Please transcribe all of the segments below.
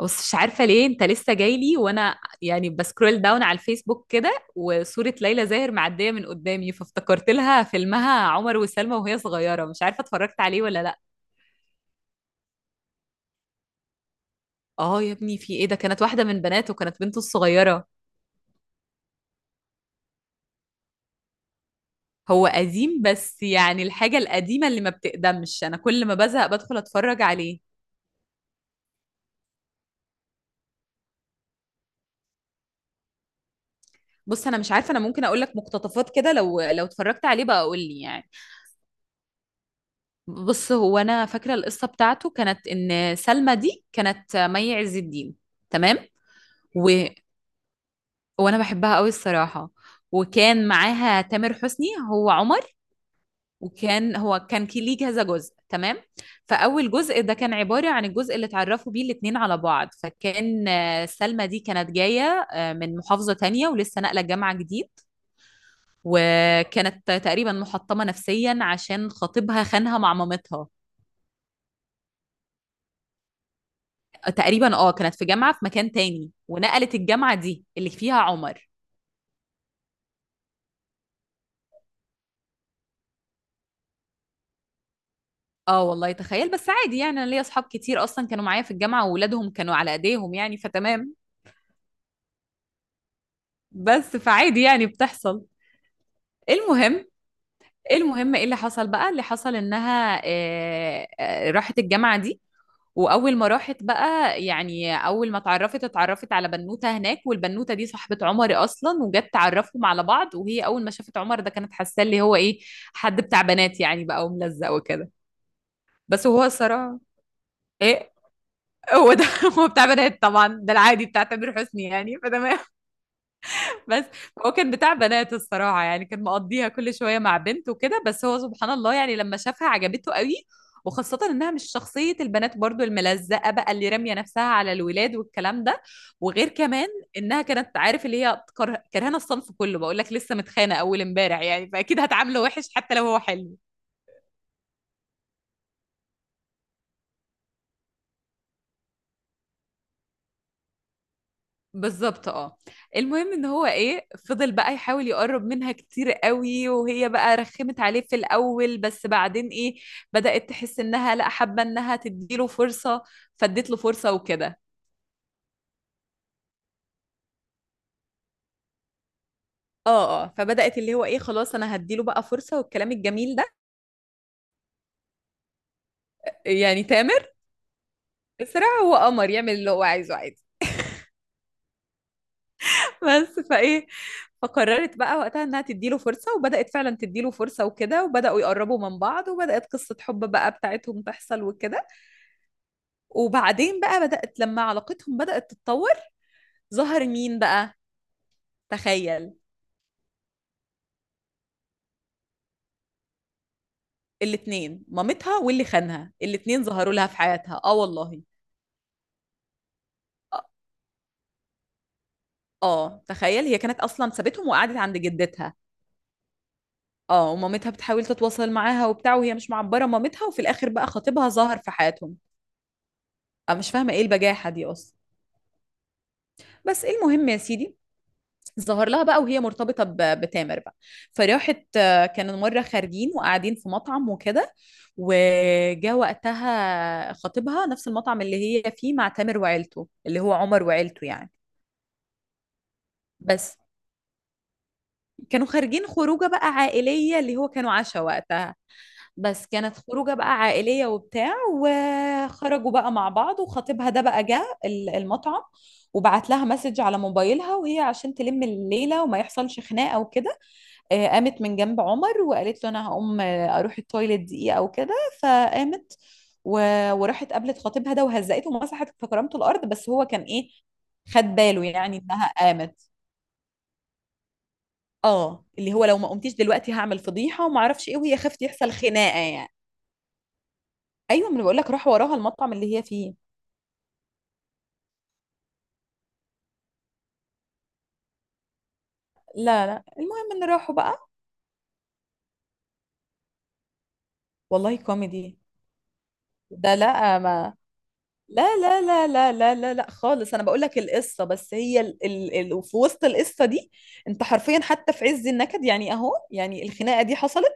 بص، مش عارفة ليه انت لسه جاي لي. وانا يعني بسكرول داون على الفيسبوك كده، وصورة ليلى زاهر معدية من قدامي، فافتكرت لها فيلمها عمر وسلمى وهي صغيرة. مش عارفة اتفرجت عليه ولا لا. اه يا ابني، في ايه ده؟ كانت واحدة من بناته، كانت بنته الصغيرة. هو قديم، بس يعني الحاجة القديمة اللي ما بتقدمش انا كل ما بزهق بدخل اتفرج عليه. بص، انا مش عارفة، انا ممكن اقول لك مقتطفات كده، لو اتفرجت عليه بقى قول لي يعني. بص، هو انا فاكره القصه بتاعته كانت ان سلمى دي كانت مي عز الدين، تمام. و... وانا بحبها قوي الصراحه. وكان معاها تامر حسني، هو عمر. وكان هو كان كي- ليه كذا جزء، تمام. فاول جزء ده كان عباره عن الجزء اللي اتعرفوا بيه الاتنين على بعض، فكان سلمى دي كانت جايه من محافظه تانية، ولسه ناقله جامعه جديد. وكانت تقريبا محطمه نفسيا عشان خطيبها خانها مع مامتها. تقريبا، كانت في جامعة في مكان تاني، ونقلت الجامعة دي اللي فيها عمر. اه والله، تخيل، بس عادي يعني. انا ليا اصحاب كتير اصلا كانوا معايا في الجامعة وولادهم كانوا على ايديهم يعني، فتمام. بس فعادي يعني، بتحصل. المهم. ايه اللي حصل بقى؟ اللي حصل انها راحت الجامعة دي. واول ما راحت بقى، يعني اول ما اتعرفت على بنوته هناك، والبنوته دي صاحبه عمر اصلا، وجت تعرفهم على بعض. وهي اول ما شافت عمر ده كانت حاسه اللي هو ايه، حد بتاع بنات يعني بقى وملزق وكده. بس هو الصراحه، ايه، هو ده هو بتاع بنات طبعا، ده العادي بتاع تامر حسني يعني، فتمام. بس هو كان بتاع بنات الصراحة يعني، كان مقضيها كل شوية مع بنت وكده. بس هو سبحان الله يعني، لما شافها عجبته قوي. وخاصة إنها مش شخصية البنات برضو الملزقة بقى، اللي رامية نفسها على الولاد والكلام ده. وغير كمان إنها كانت، عارف اللي هي كرهانة الصنف كله. بقول لك لسه متخانة أول إمبارح يعني، فأكيد هتعامله وحش حتى لو هو حلو. بالظبط، اه. المهم ان هو ايه، فضل بقى يحاول يقرب منها كتير قوي، وهي بقى رخمت عليه في الاول. بس بعدين ايه، بدأت تحس انها لا، حابه انها تديله فرصه، فاديت له فرصه وكده. اه اه، فبدأت اللي هو ايه، خلاص انا هديله بقى فرصه والكلام الجميل ده. يعني تامر بسرعه، هو قمر يعمل اللي هو عايزه عادي. بس فايه، فقررت بقى وقتها انها تديله فرصه، وبدأت فعلا تديله فرصه وكده، وبدأوا يقربوا من بعض، وبدأت قصه حب بقى بتاعتهم تحصل وكده. وبعدين بقى، بدأت لما علاقتهم بدأت تتطور، ظهر مين بقى، تخيل. الاتنين، مامتها واللي خانها، الاتنين ظهروا لها في حياتها، اه والله. اه، تخيل، هي كانت اصلا سابتهم وقعدت عند جدتها. اه، ومامتها بتحاول تتواصل معاها وبتاع، وهي مش معبرة مامتها، وفي الاخر بقى خطيبها ظهر في حياتهم. انا مش فاهمة ايه البجاحة دي اصلا. بس المهم يا سيدي، ظهر لها بقى وهي مرتبطة بتامر بقى. فراحت، كانوا مرة خارجين وقاعدين في مطعم وكده، وجا وقتها خطيبها نفس المطعم اللي هي فيه مع تامر وعيلته، اللي هو عمر، وعيلته يعني. بس كانوا خارجين خروجه بقى عائليه، اللي هو كانوا عشاء وقتها. بس كانت خروجه بقى عائليه وبتاع، وخرجوا بقى مع بعض، وخطيبها ده بقى جه المطعم. وبعت لها مسج على موبايلها، وهي عشان تلم الليله وما يحصلش خناقه وكده، قامت من جنب عمر وقالت له انا هقوم، اروح التويليت دقيقه او كده. فقامت و... وراحت قابلت خطيبها ده، وهزقته ومسحت في كرامته الارض. بس هو كان ايه، خد باله يعني انها قامت. اه، اللي هو لو ما قمتيش دلوقتي هعمل فضيحه وما اعرفش ايه، وهي خافت يحصل خناقه يعني. ايوه، ما أنا بقول لك راح وراها المطعم اللي هي فيه. لا لا، المهم ان راحوا بقى. والله كوميدي. ده لا ما، لا لا لا لا لا لا لا خالص، انا بقول لك القصه، بس هي ال ال ال في وسط القصه دي، انت حرفيا حتى في عز النكد يعني، اهو يعني الخناقه دي حصلت،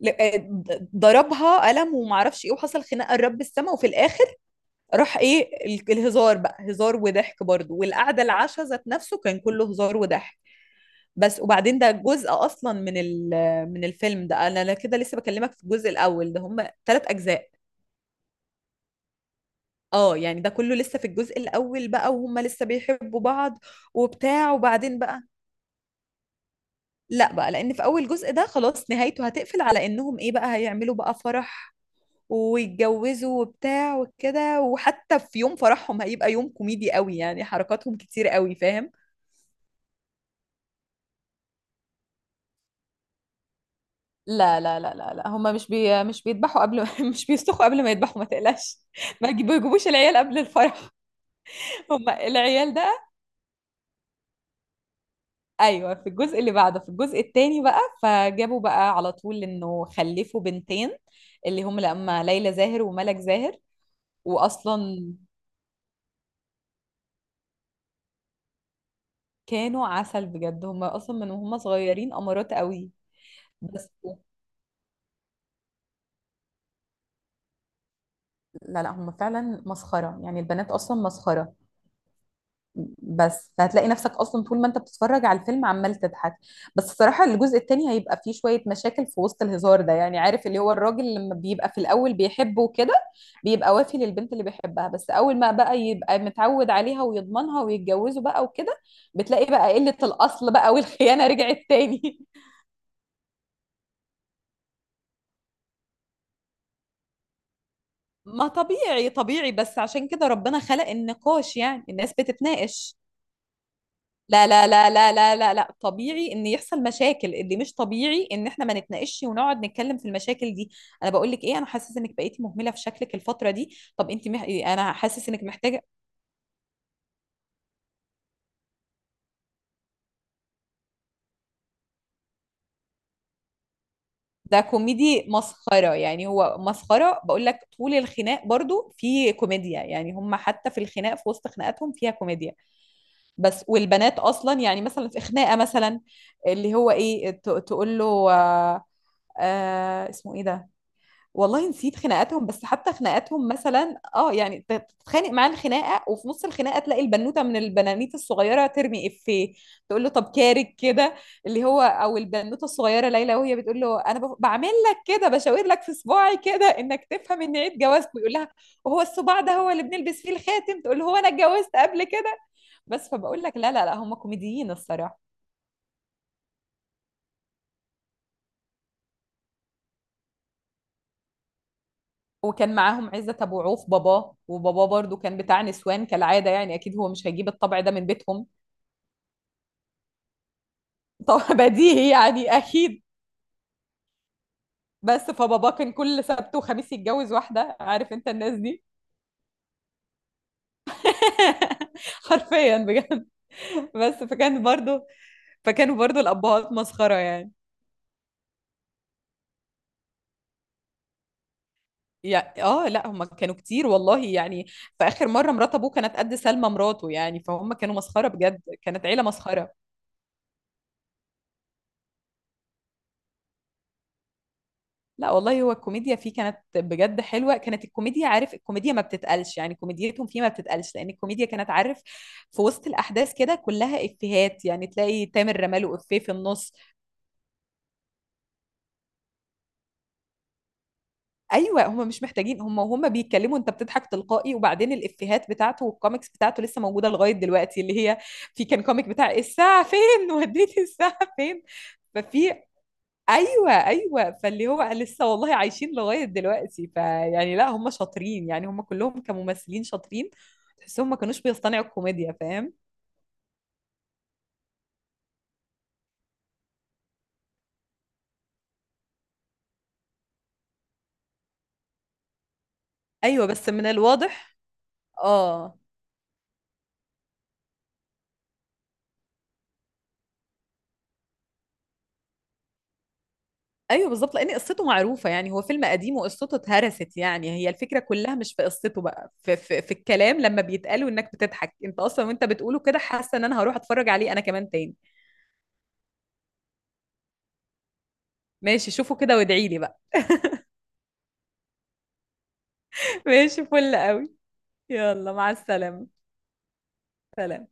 ضربها قلم وما اعرفش ايه، وحصل خناقه لرب السما، وفي الاخر راح ايه الهزار بقى هزار وضحك برضه. والقعده العشاء ذات نفسه كان كله هزار وضحك. بس، وبعدين ده جزء اصلا من من الفيلم ده، انا لا كده، لسه بكلمك في الجزء الاول ده، هم ثلاث اجزاء. اه يعني ده كله لسه في الجزء الاول بقى، وهم لسه بيحبوا بعض وبتاع. وبعدين بقى، لا بقى، لان في اول جزء ده خلاص، نهايته هتقفل على انهم ايه بقى، هيعملوا بقى فرح ويتجوزوا وبتاع وكده. وحتى في يوم فرحهم هيبقى يوم كوميدي قوي يعني، حركاتهم كتير قوي، فاهم. لا لا لا لا لا، هما مش بيذبحوا قبل مش بيستخوا قبل ما يذبحوا، ما تقلقش. ما يجيبوا- يجيبوش العيال قبل الفرح. هما العيال ده، ايوه، في الجزء اللي بعده، في الجزء الثاني بقى، فجابوا بقى على طول انه خلفوا بنتين، اللي هم لما ليلى زاهر وملك زاهر. واصلا كانوا عسل بجد، هم اصلا من وهم صغيرين امارات قوي. بس، لا لا، هم فعلا مسخره يعني، البنات اصلا مسخره. بس فهتلاقي نفسك اصلا طول ما انت بتتفرج على الفيلم عمال تضحك. بس الصراحه الجزء التاني هيبقى فيه شويه مشاكل في وسط الهزار ده يعني، عارف اللي هو الراجل لما بيبقى في الاول بيحبه وكده، بيبقى وافي للبنت اللي بيحبها. بس اول ما بقى يبقى متعود عليها ويضمنها ويتجوزوا بقى وكده، بتلاقي بقى قله الاصل بقى والخيانه رجعت تاني. ما طبيعي، طبيعي، بس عشان كده ربنا خلق النقاش يعني، الناس بتتناقش. لا لا لا لا لا لا لا، طبيعي ان يحصل مشاكل، اللي مش طبيعي ان احنا ما نتناقش ونقعد نتكلم في المشاكل دي. انا بقول لك ايه، انا حاسس انك بقيتي مهمله في شكلك الفتره دي، طب انت انا حاسس انك محتاجه. ده كوميدي مسخره يعني، هو مسخره بقول لك. طول الخناق برضو في كوميديا يعني، هم حتى في الخناق، في وسط خناقاتهم فيها كوميديا. بس والبنات اصلا، يعني مثلا في خناقه مثلا، اللي هو ايه، تقول له آه. آه، اسمه ايه ده، والله نسيت خناقاتهم. بس حتى خناقاتهم مثلا، يعني تتخانق معاه الخناقه، وفي نص الخناقه تلاقي البنوته من البنانيت الصغيره ترمي افيه، تقول له طب كارك كده. اللي هو او البنوته الصغيره ليلى، وهي بتقول له انا بعمل لك كده، بشاور لك في صباعي كده، انك تفهم ان عيد جوازك، ويقول لها وهو الصباع ده هو اللي بنلبس فيه الخاتم، تقول له هو انا اتجوزت قبل كده. بس فبقول لك لا لا لا، هم كوميديين الصراحه. وكان معاهم عزت ابو عوف باباه، وباباه برضو كان بتاع نسوان كالعاده يعني، اكيد هو مش هيجيب الطبع ده من بيتهم. طبعا بديهي يعني اكيد. بس فبابا كان كل سبت وخميس يتجوز واحده، عارف انت الناس دي. حرفيا بجد. بس فكانوا برضو الابهات مسخره يعني. يعني لا، هم كانوا كتير والله يعني. في اخر مره مرات ابوه كانت قد سلمى مراته يعني، فهم كانوا مسخره بجد، كانت عيله مسخره. لا والله، هو الكوميديا فيه كانت بجد حلوة، كانت الكوميديا، عارف الكوميديا ما بتتقلش يعني، كوميديتهم فيه ما بتتقلش، لأن الكوميديا كانت، عارف، في وسط الأحداث كده كلها إفيهات يعني، تلاقي تامر رماله إفيه في النص. أيوة هم مش محتاجين، هم بيتكلموا أنت بتضحك تلقائي. وبعدين الإفيهات بتاعته والكوميكس بتاعته لسه موجودة لغاية دلوقتي، اللي هي، في كان كوميك بتاع الساعة فين، وديتي الساعة فين. ففي ايوه ايوه، فاللي هو لسه، والله عايشين لغايه دلوقتي. فيعني لا، هم شاطرين يعني، هم كلهم كممثلين شاطرين، تحسهم ما كانوش بيصطنعوا الكوميديا، فاهم. ايوه بس من الواضح، اه، ايوه بالظبط، لان قصته معروفه يعني، هو فيلم قديم وقصته اتهرست يعني. هي الفكره كلها مش في قصته بقى، في, الكلام لما بيتقالوا انك بتضحك انت اصلا، وانت بتقوله كده حاسه ان انا هروح اتفرج عليه انا كمان تاني. ماشي، شوفوا كده وادعي لي بقى. ماشي فل قوي. يلا مع السلامه، سلام.